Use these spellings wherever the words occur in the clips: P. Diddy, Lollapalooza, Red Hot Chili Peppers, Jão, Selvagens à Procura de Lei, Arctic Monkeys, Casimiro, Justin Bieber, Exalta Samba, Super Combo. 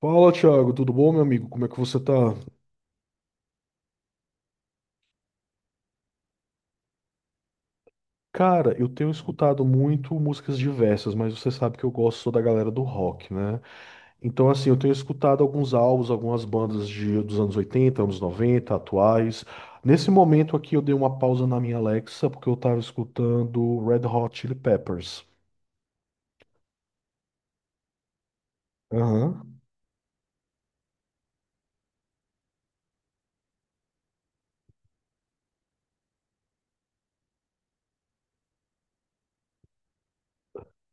Fala, Thiago, tudo bom, meu amigo? Como é que você tá? Cara, eu tenho escutado muito músicas diversas, mas você sabe que eu gosto só da galera do rock, né? Então, assim, eu tenho escutado alguns álbuns, algumas bandas dos anos 80, anos 90, atuais. Nesse momento aqui, eu dei uma pausa na minha Alexa, porque eu tava escutando Red Hot Chili Peppers. Aham.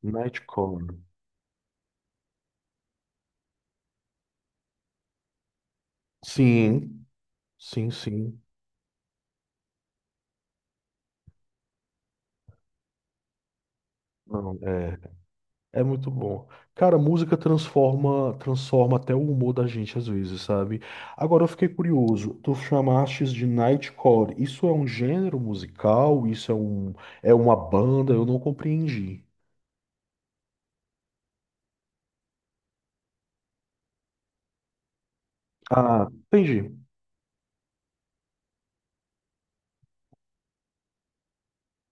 Nightcore. Sim, sim, sim. Não, é. É muito bom. Cara, música transforma, transforma até o humor da gente às vezes, sabe? Agora eu fiquei curioso. Tu chamastes de Nightcore. Isso é um gênero musical? É uma banda? Eu não compreendi. Ah, entendi.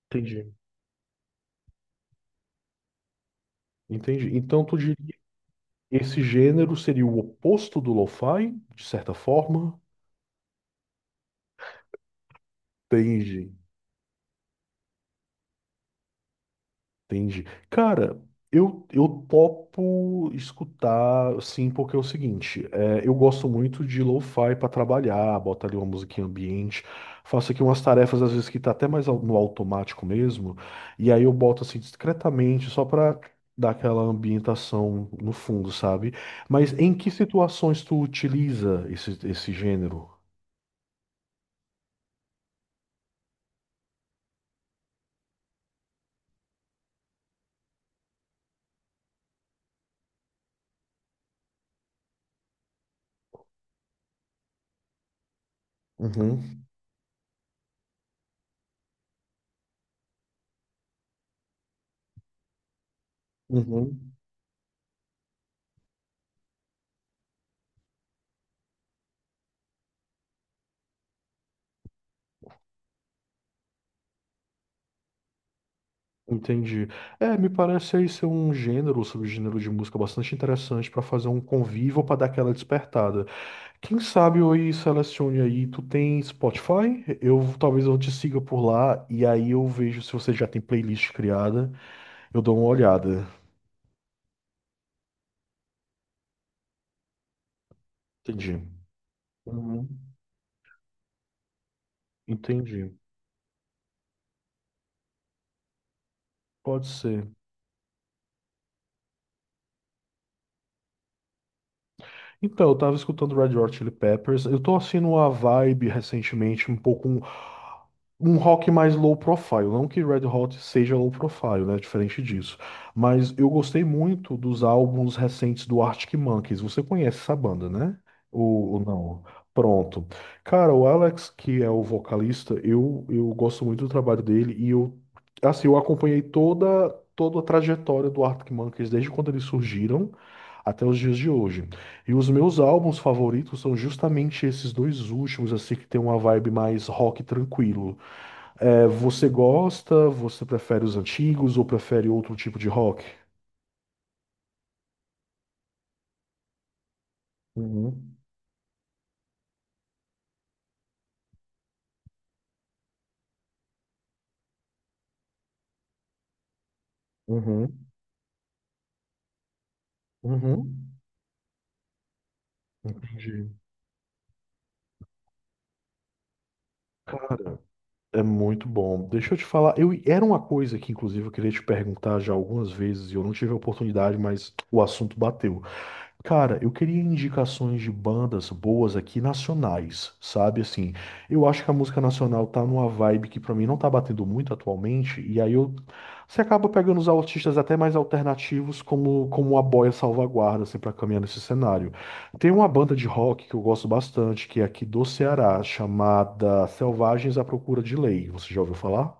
Entendi. Entendi. Então tu diria que esse gênero seria o oposto do lo-fi, de certa forma? Entendi. Entendi. Cara, eu topo escutar, sim, porque é o seguinte, é, eu gosto muito de lo-fi para trabalhar, boto ali uma musiquinha ambiente, faço aqui umas tarefas às vezes que tá até mais no automático mesmo, e aí eu boto assim discretamente só para dar aquela ambientação no fundo, sabe? Mas em que situações tu utiliza esse gênero? Uhum. Uhum. Entendi. É, me parece aí ser um gênero, um subgênero de música bastante interessante para fazer um convívio para dar aquela despertada. Quem sabe eu aí selecione aí, tu tem Spotify? Eu talvez eu te siga por lá e aí eu vejo se você já tem playlist criada, eu dou uma olhada. Entendi. Uhum. Entendi. Pode ser. Então, eu tava escutando Red Hot Chili Peppers. Eu tô assim numa vibe recentemente um pouco um rock mais low profile, não que Red Hot seja low profile, né, diferente disso, mas eu gostei muito dos álbuns recentes do Arctic Monkeys. Você conhece essa banda, né? Ou não? Pronto. Cara, o Alex, que é o vocalista, eu gosto muito do trabalho dele e eu assim, eu acompanhei toda a trajetória do Arctic Monkeys desde quando eles surgiram até os dias de hoje. E os meus álbuns favoritos são justamente esses dois últimos, assim, que tem uma vibe mais rock tranquilo. É, você gosta, você prefere os antigos ou prefere outro tipo de rock? Uhum, uhum, uhum. Entendi. Cara, é muito bom. Deixa eu te falar, eu era uma coisa que inclusive eu queria te perguntar já algumas vezes e eu não tive a oportunidade, mas o assunto bateu. Cara, eu queria indicações de bandas boas aqui nacionais, sabe? Assim, eu acho que a música nacional tá numa vibe que pra mim não tá batendo muito atualmente, e aí eu você acaba pegando os artistas até mais alternativos como a boia salvaguarda assim para caminhar nesse cenário. Tem uma banda de rock que eu gosto bastante, que é aqui do Ceará, chamada Selvagens à Procura de Lei. Você já ouviu falar?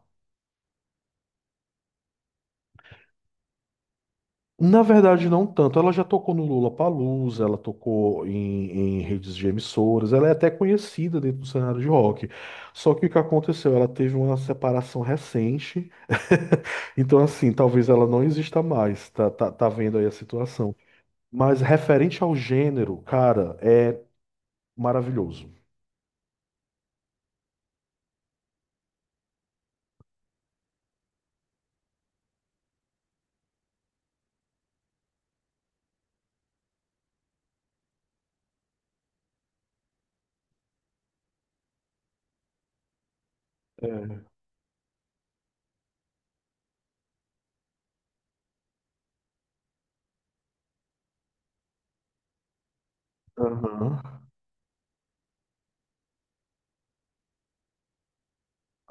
Na verdade, não tanto. Ela já tocou no Lula Lollapalooza, ela tocou em redes de emissoras, ela é até conhecida dentro do cenário de rock. Só que o que aconteceu? Ela teve uma separação recente, então assim, talvez ela não exista mais, tá, tá, tá vendo aí a situação. Mas referente ao gênero, cara, é maravilhoso. É. Aham,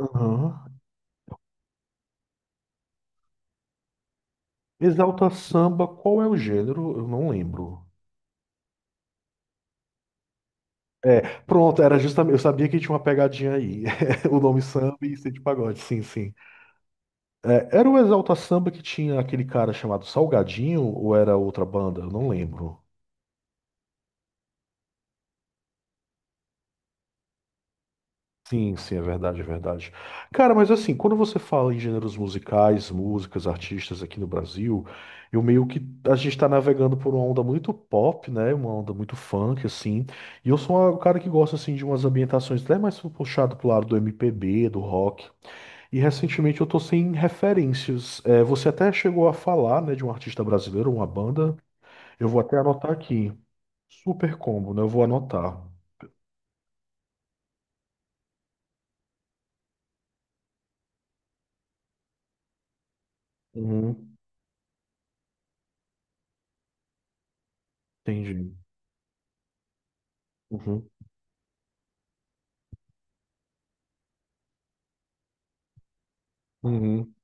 aham. Exalta Samba, qual é o gênero? Eu não lembro. É, pronto, era justamente. Eu sabia que tinha uma pegadinha aí. O nome samba e ser de pagode, sim, sim. É, era o Exalta Samba que tinha aquele cara chamado Salgadinho ou era outra banda? Eu não lembro. Sim, sim, é verdade, é verdade. Cara, mas assim, quando você fala em gêneros musicais, músicas, artistas aqui no Brasil, eu meio que a gente tá navegando por uma onda muito pop, né? Uma onda muito funk, assim. E eu sou um cara que gosta assim de umas ambientações até mais puxado pro lado do MPB, do rock. E recentemente eu tô sem referências. É, você até chegou a falar, né, de um artista brasileiro, uma banda. Eu vou até anotar aqui. Super Combo, né? Eu vou anotar. Uhum, entendi. Uhum, uhum.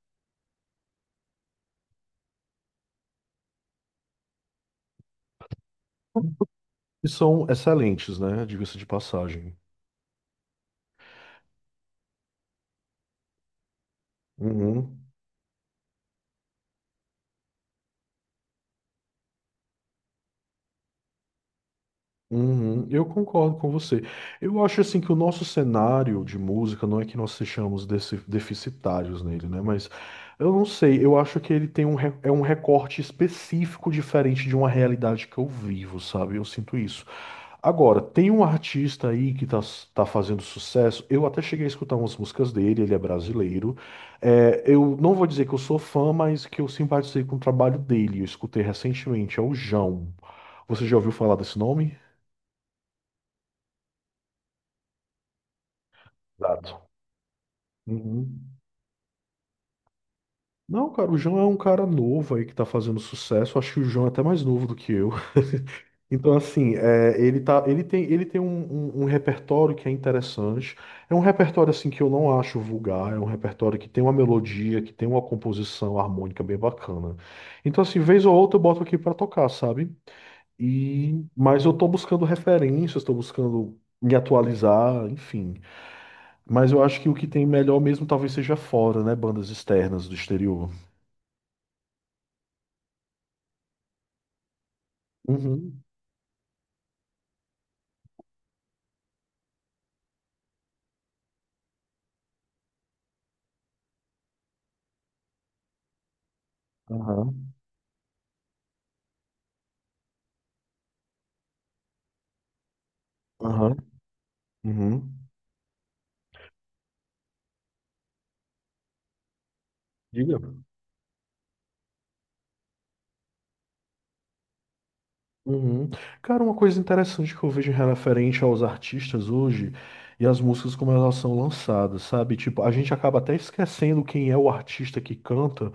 E são excelentes, né? Diga-se de passagem. Uhum, Uhum, eu concordo com você. Eu acho assim que o nosso cenário de música não é que nós sejamos deficitários nele, né? Mas eu não sei, eu acho que ele tem é um recorte específico diferente de uma realidade que eu vivo, sabe? Eu sinto isso. Agora, tem um artista aí que tá fazendo sucesso. Eu até cheguei a escutar umas músicas dele, ele é brasileiro. É, eu não vou dizer que eu sou fã, mas que eu simpatizei com o trabalho dele. Eu escutei recentemente, é o Jão. Você já ouviu falar desse nome? Exato. Uhum. Não, cara, o João é um cara novo aí que tá fazendo sucesso. Acho que o João é até mais novo do que eu. Então, assim, é, ele tem, um repertório que é interessante. É um repertório, assim, que eu não acho vulgar. É um repertório que tem uma melodia, que tem uma composição harmônica bem bacana. Então, assim, vez ou outra eu boto aqui pra tocar, sabe? E, mas eu tô buscando referências, tô buscando me atualizar, enfim. Mas eu acho que o que tem melhor mesmo talvez seja fora, né? Bandas externas do exterior. Uhum. Aham. Aham. Uhum. Diga. Uhum. Cara, uma coisa interessante que eu vejo referente aos artistas hoje e as músicas como elas são lançadas, sabe? Tipo, a gente acaba até esquecendo quem é o artista que canta,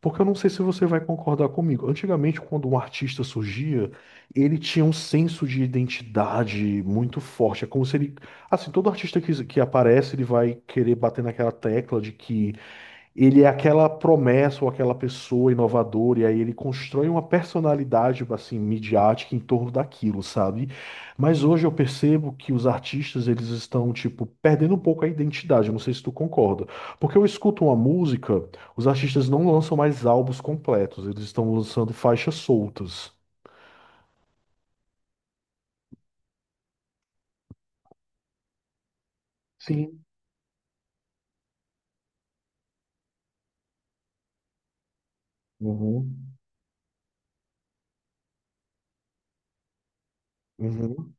porque eu não sei se você vai concordar comigo. Antigamente, quando um artista surgia, ele tinha um senso de identidade muito forte. É como se ele, assim, todo artista que aparece, ele vai querer bater naquela tecla de que ele é aquela promessa ou aquela pessoa inovadora, e aí ele constrói uma personalidade assim midiática em torno daquilo, sabe? Mas hoje eu percebo que os artistas eles estão tipo perdendo um pouco a identidade. Eu não sei se tu concorda, porque eu escuto uma música, os artistas não lançam mais álbuns completos, eles estão lançando faixas soltas. Sim. Uhum. Uhum.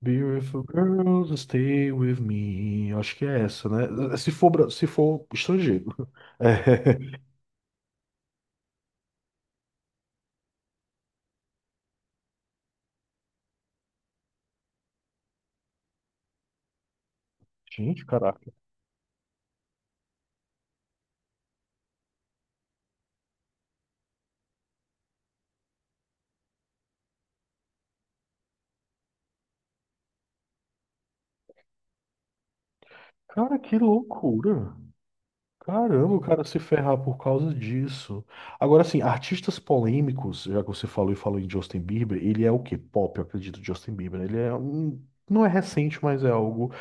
Beautiful girls, stay with me. Acho que é essa, né? Se for, se for estrangeiro. É. Gente, caraca. Cara, que loucura. Caramba, o cara se ferrar por causa disso. Agora, assim, artistas polêmicos, já que você falou e falou em Justin Bieber, ele é o quê? Pop, eu acredito, Justin Bieber. Né? Ele é um... Não é recente, mas é algo.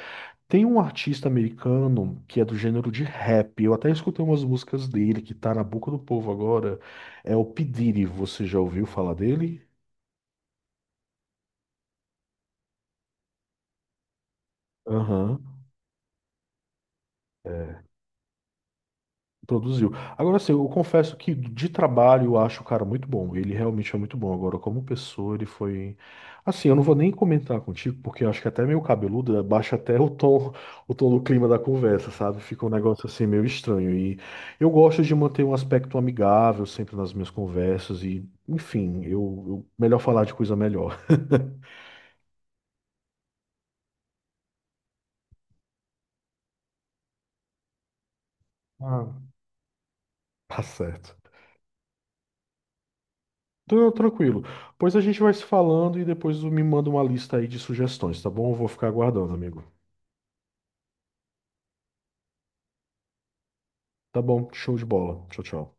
Tem um artista americano que é do gênero de rap. Eu até escutei umas músicas dele que tá na boca do povo agora. É o P. Diddy. Você já ouviu falar dele? Aham. É. Produziu. Agora, assim, eu confesso que de trabalho eu acho o cara muito bom. Ele realmente é muito bom. Agora, como pessoa, ele foi. Assim, eu não vou nem comentar contigo, porque eu acho que é até meio cabeludo baixa até o tom do clima da conversa, sabe? Fica um negócio assim meio estranho. E eu gosto de manter um aspecto amigável sempre nas minhas conversas. E, enfim, melhor falar de coisa melhor. Ah, Tá certo. Então, tranquilo. Pois a gente vai se falando e depois me manda uma lista aí de sugestões, tá bom? Eu vou ficar aguardando, amigo. Tá bom, show de bola. Tchau, tchau.